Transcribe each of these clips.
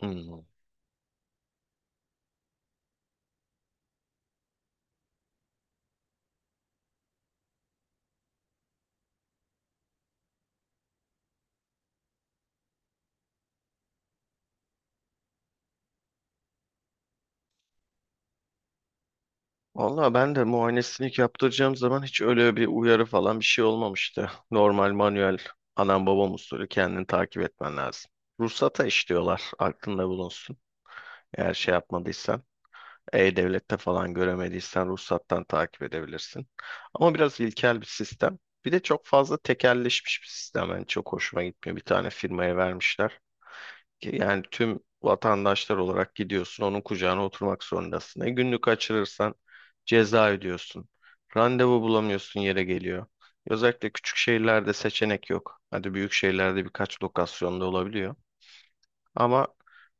Hmm. Valla ben de muayenesini ilk yaptıracağım zaman hiç öyle bir uyarı falan bir şey olmamıştı. Normal manuel anam babam usulü kendini takip etmen lazım. Ruhsata işliyorlar aklında bulunsun. Eğer şey yapmadıysan E-Devlet'te falan göremediysen ruhsattan takip edebilirsin. Ama biraz ilkel bir sistem. Bir de çok fazla tekelleşmiş bir sistem. Yani çok hoşuma gitmiyor. Bir tane firmaya vermişler. Ki yani tüm vatandaşlar olarak gidiyorsun, onun kucağına oturmak zorundasın. E günlük kaçırırsan ceza ödüyorsun. Randevu bulamıyorsun yere geliyor. Özellikle küçük şehirlerde seçenek yok. Hadi büyük şehirlerde birkaç lokasyonda olabiliyor. Ama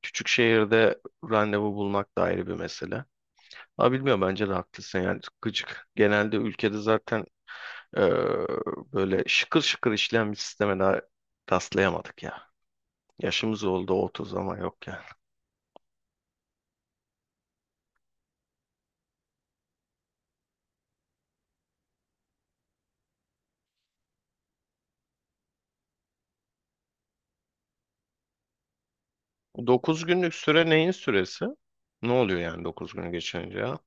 küçük şehirde randevu bulmak da ayrı bir mesele. Ama bilmiyorum bence de haklısın yani gıcık. Genelde ülkede zaten e, böyle şıkır şıkır işleyen bir sisteme daha rastlayamadık ya. Yaşımız oldu 30 ama yok ya. 9 günlük süre neyin süresi? Ne oluyor yani 9 günü geçince ya?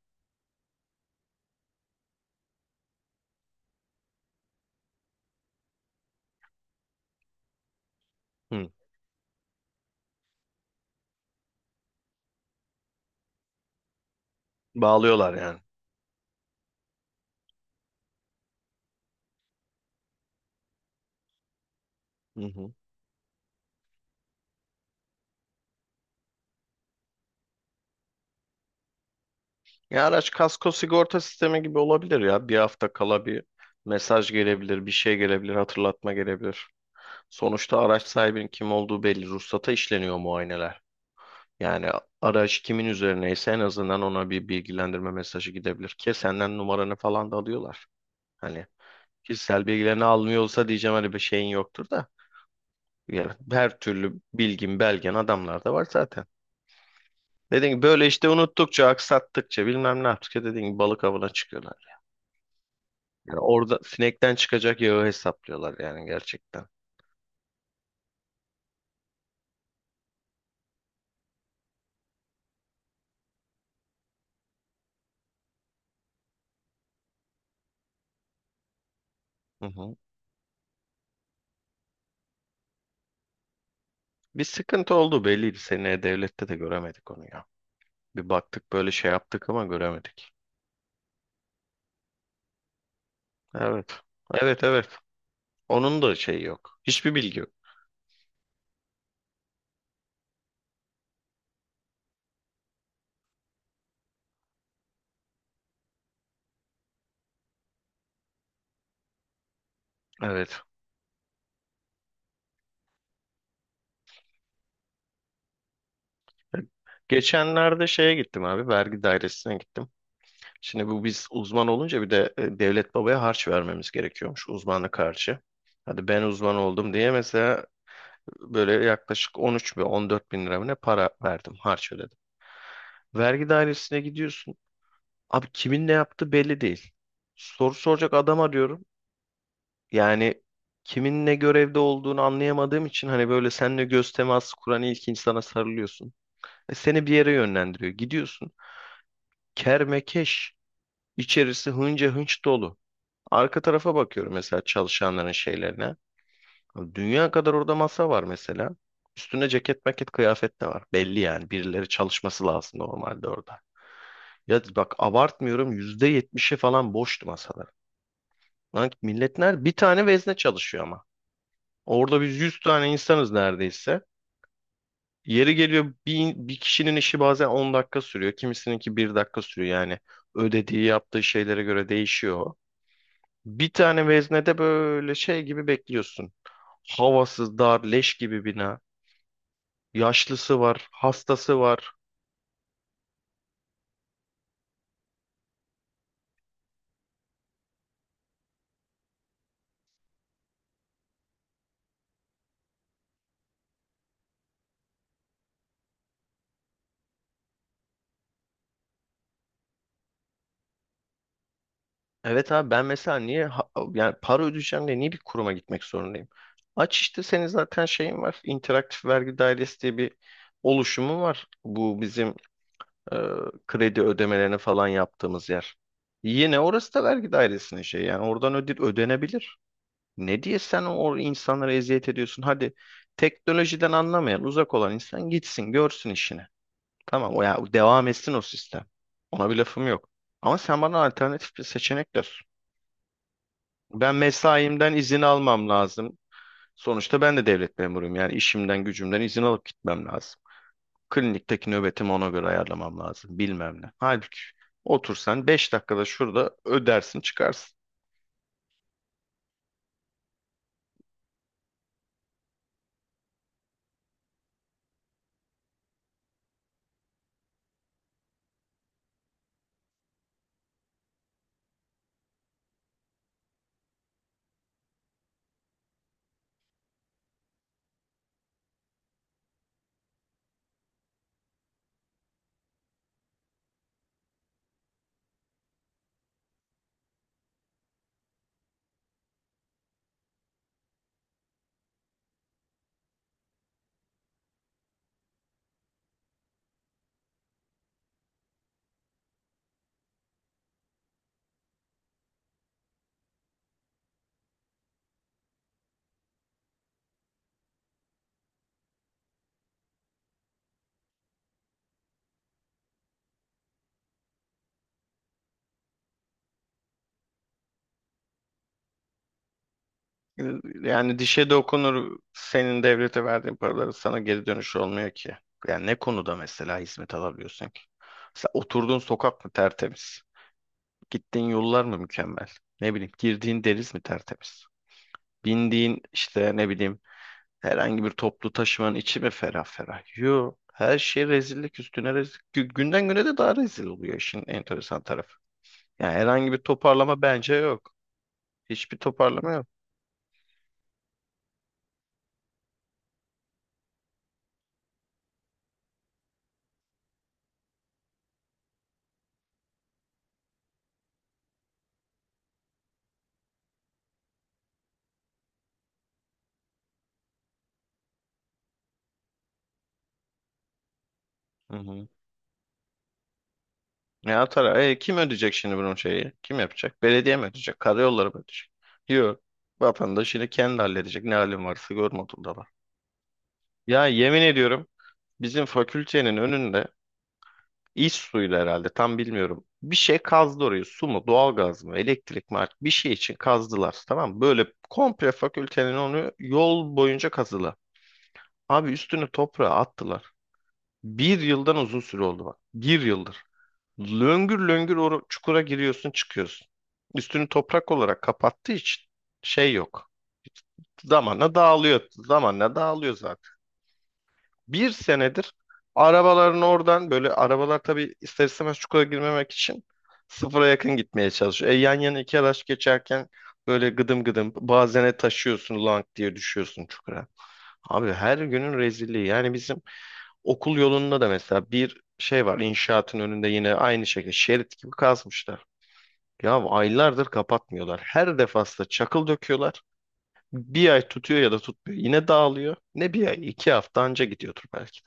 Hı. Bağlıyorlar yani. Hı hı. Ya araç kasko sigorta sistemi gibi olabilir ya. Bir hafta kala bir mesaj gelebilir, bir şey gelebilir, hatırlatma gelebilir. Sonuçta araç sahibinin kim olduğu belli. Ruhsata işleniyor muayeneler. Yani araç kimin üzerineyse en azından ona bir bilgilendirme mesajı gidebilir ki senden numaranı falan da alıyorlar. Hani kişisel bilgilerini almıyorsa diyeceğim hani bir şeyin yoktur da. Yani her türlü bilgin, belgen adamlarda var zaten. Dediğim gibi böyle işte unuttukça, aksattıkça bilmem ne yaptıkça dediğim gibi balık avına çıkıyorlar. Yani orada sinekten çıkacak yağı hesaplıyorlar yani gerçekten. Hı hı. Bir sıkıntı oldu belliydi. Seneye devlette de göremedik onu ya. Bir baktık böyle şey yaptık ama göremedik. Evet. Evet, evet. Onun da şeyi yok. Hiçbir bilgi yok. Evet. Geçenlerde şeye gittim abi. Vergi dairesine gittim. Şimdi bu biz uzman olunca bir de devlet babaya harç vermemiz gerekiyormuş uzmanlık harcı. Hadi ben uzman oldum diye mesela böyle yaklaşık 13 bin 14 bin lira mı ne para verdim harç ödedim. Vergi dairesine gidiyorsun. Abi kimin ne yaptığı belli değil. Soru soracak adam arıyorum. Yani kimin ne görevde olduğunu anlayamadığım için hani böyle seninle göz teması kuran ilk insana sarılıyorsun. Seni bir yere yönlendiriyor. Gidiyorsun. Kermekeş. İçerisi hınca hınç dolu. Arka tarafa bakıyorum mesela çalışanların şeylerine. Dünya kadar orada masa var mesela. Üstüne ceket maket kıyafet de var. Belli yani birileri çalışması lazım normalde orada. Ya bak abartmıyorum, %70'i falan boştu masalar. Lan milletler bir tane vezne çalışıyor ama. Orada biz 100 tane insanız neredeyse. Yeri geliyor bir kişinin işi bazen 10 dakika sürüyor. Kimisininki bir dakika sürüyor yani. Ödediği yaptığı şeylere göre değişiyor. Bir tane veznede böyle şey gibi bekliyorsun. Havasız, dar, leş gibi bina. Yaşlısı var, hastası var. Evet abi ben mesela niye yani para ödeyeceğim diye niye bir kuruma gitmek zorundayım? Aç işte senin zaten şeyin var. İnteraktif Vergi Dairesi diye bir oluşumu var. Bu bizim e, kredi ödemelerini falan yaptığımız yer. Yine orası da vergi dairesinin şey yani oradan ödenebilir. Ne diye sen o insanlara eziyet ediyorsun? Hadi teknolojiden anlamayan uzak olan insan gitsin görsün işini. Tamam o ya devam etsin o sistem. Ona bir lafım yok. Ama sen bana alternatif bir seçenek ver. Ben mesaimden izin almam lazım. Sonuçta ben de devlet memuruyum yani işimden gücümden izin alıp gitmem lazım. Klinikteki nöbetimi ona göre ayarlamam lazım. Bilmem ne. Halbuki otursan 5 dakikada şurada ödersin çıkarsın. Yani dişe dokunur senin devlete verdiğin paraları sana geri dönüş olmuyor ki. Yani ne konuda mesela hizmet alabiliyorsun ki? Mesela oturduğun sokak mı tertemiz? Gittiğin yollar mı mükemmel? Ne bileyim girdiğin deniz mi tertemiz? Bindiğin işte ne bileyim herhangi bir toplu taşımanın içi mi ferah ferah? Yo. Her şey rezillik üstüne rezil. Günden güne de daha rezil oluyor işin enteresan tarafı. Yani herhangi bir toparlama bence yok. Hiçbir toparlama yok. Hı hı. Ne atar? Kim ödeyecek şimdi bunun şeyi? Kim yapacak? Belediye mi ödeyecek? Karayolları mı ödeyecek? Yok. Vatandaş yine kendi halledecek. Ne halin varsa görme da var. Ya yemin ediyorum, bizim fakültenin önünde İş suyuyla herhalde, tam bilmiyorum. Bir şey kazdı orayı. Su mu, doğalgaz mı, elektrik mi artık bir şey için kazdılar. Tamam mı? Böyle komple fakültenin onu yol boyunca kazdılar. Abi üstünü toprağa attılar. Bir yıldan uzun süre oldu bak. Bir yıldır löngür löngür o çukura giriyorsun çıkıyorsun. Üstünü toprak olarak kapattığı için şey yok. Zamanla dağılıyor. Zamanla dağılıyor zaten, bir senedir arabaların oradan, böyle arabalar tabii ister istemez çukura girmemek için sıfıra yakın gitmeye çalışıyor. Yan yana iki araç geçerken böyle gıdım gıdım bazene taşıyorsun, lank diye düşüyorsun çukura. Abi her günün rezilliği yani, bizim okul yolunda da mesela bir şey var, inşaatın önünde yine aynı şekilde şerit gibi kazmışlar. Ya aylardır kapatmıyorlar. Her defasında çakıl döküyorlar. Bir ay tutuyor ya da tutmuyor. Yine dağılıyor. Ne bir ay, iki hafta anca gidiyordur belki.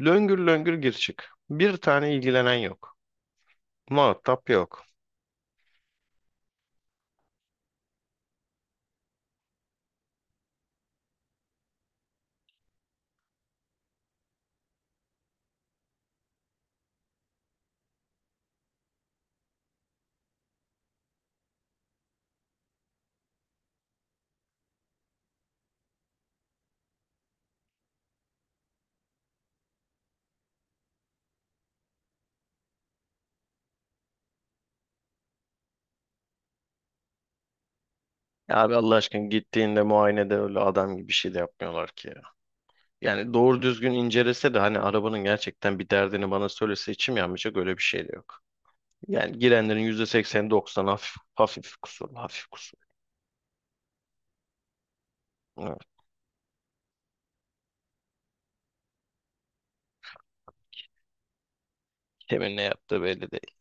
Löngür löngür gir çık. Bir tane ilgilenen yok. Muhatap yok. Ya abi Allah aşkına gittiğinde muayenede öyle adam gibi bir şey de yapmıyorlar ki ya. Yani doğru düzgün incelese de hani arabanın gerçekten bir derdini bana söylese içim yanmayacak, öyle bir şey de yok. Yani girenlerin %80-90, hafif hafif kusur, hafif kusur. Evet, kimin ne yaptığı belli değil.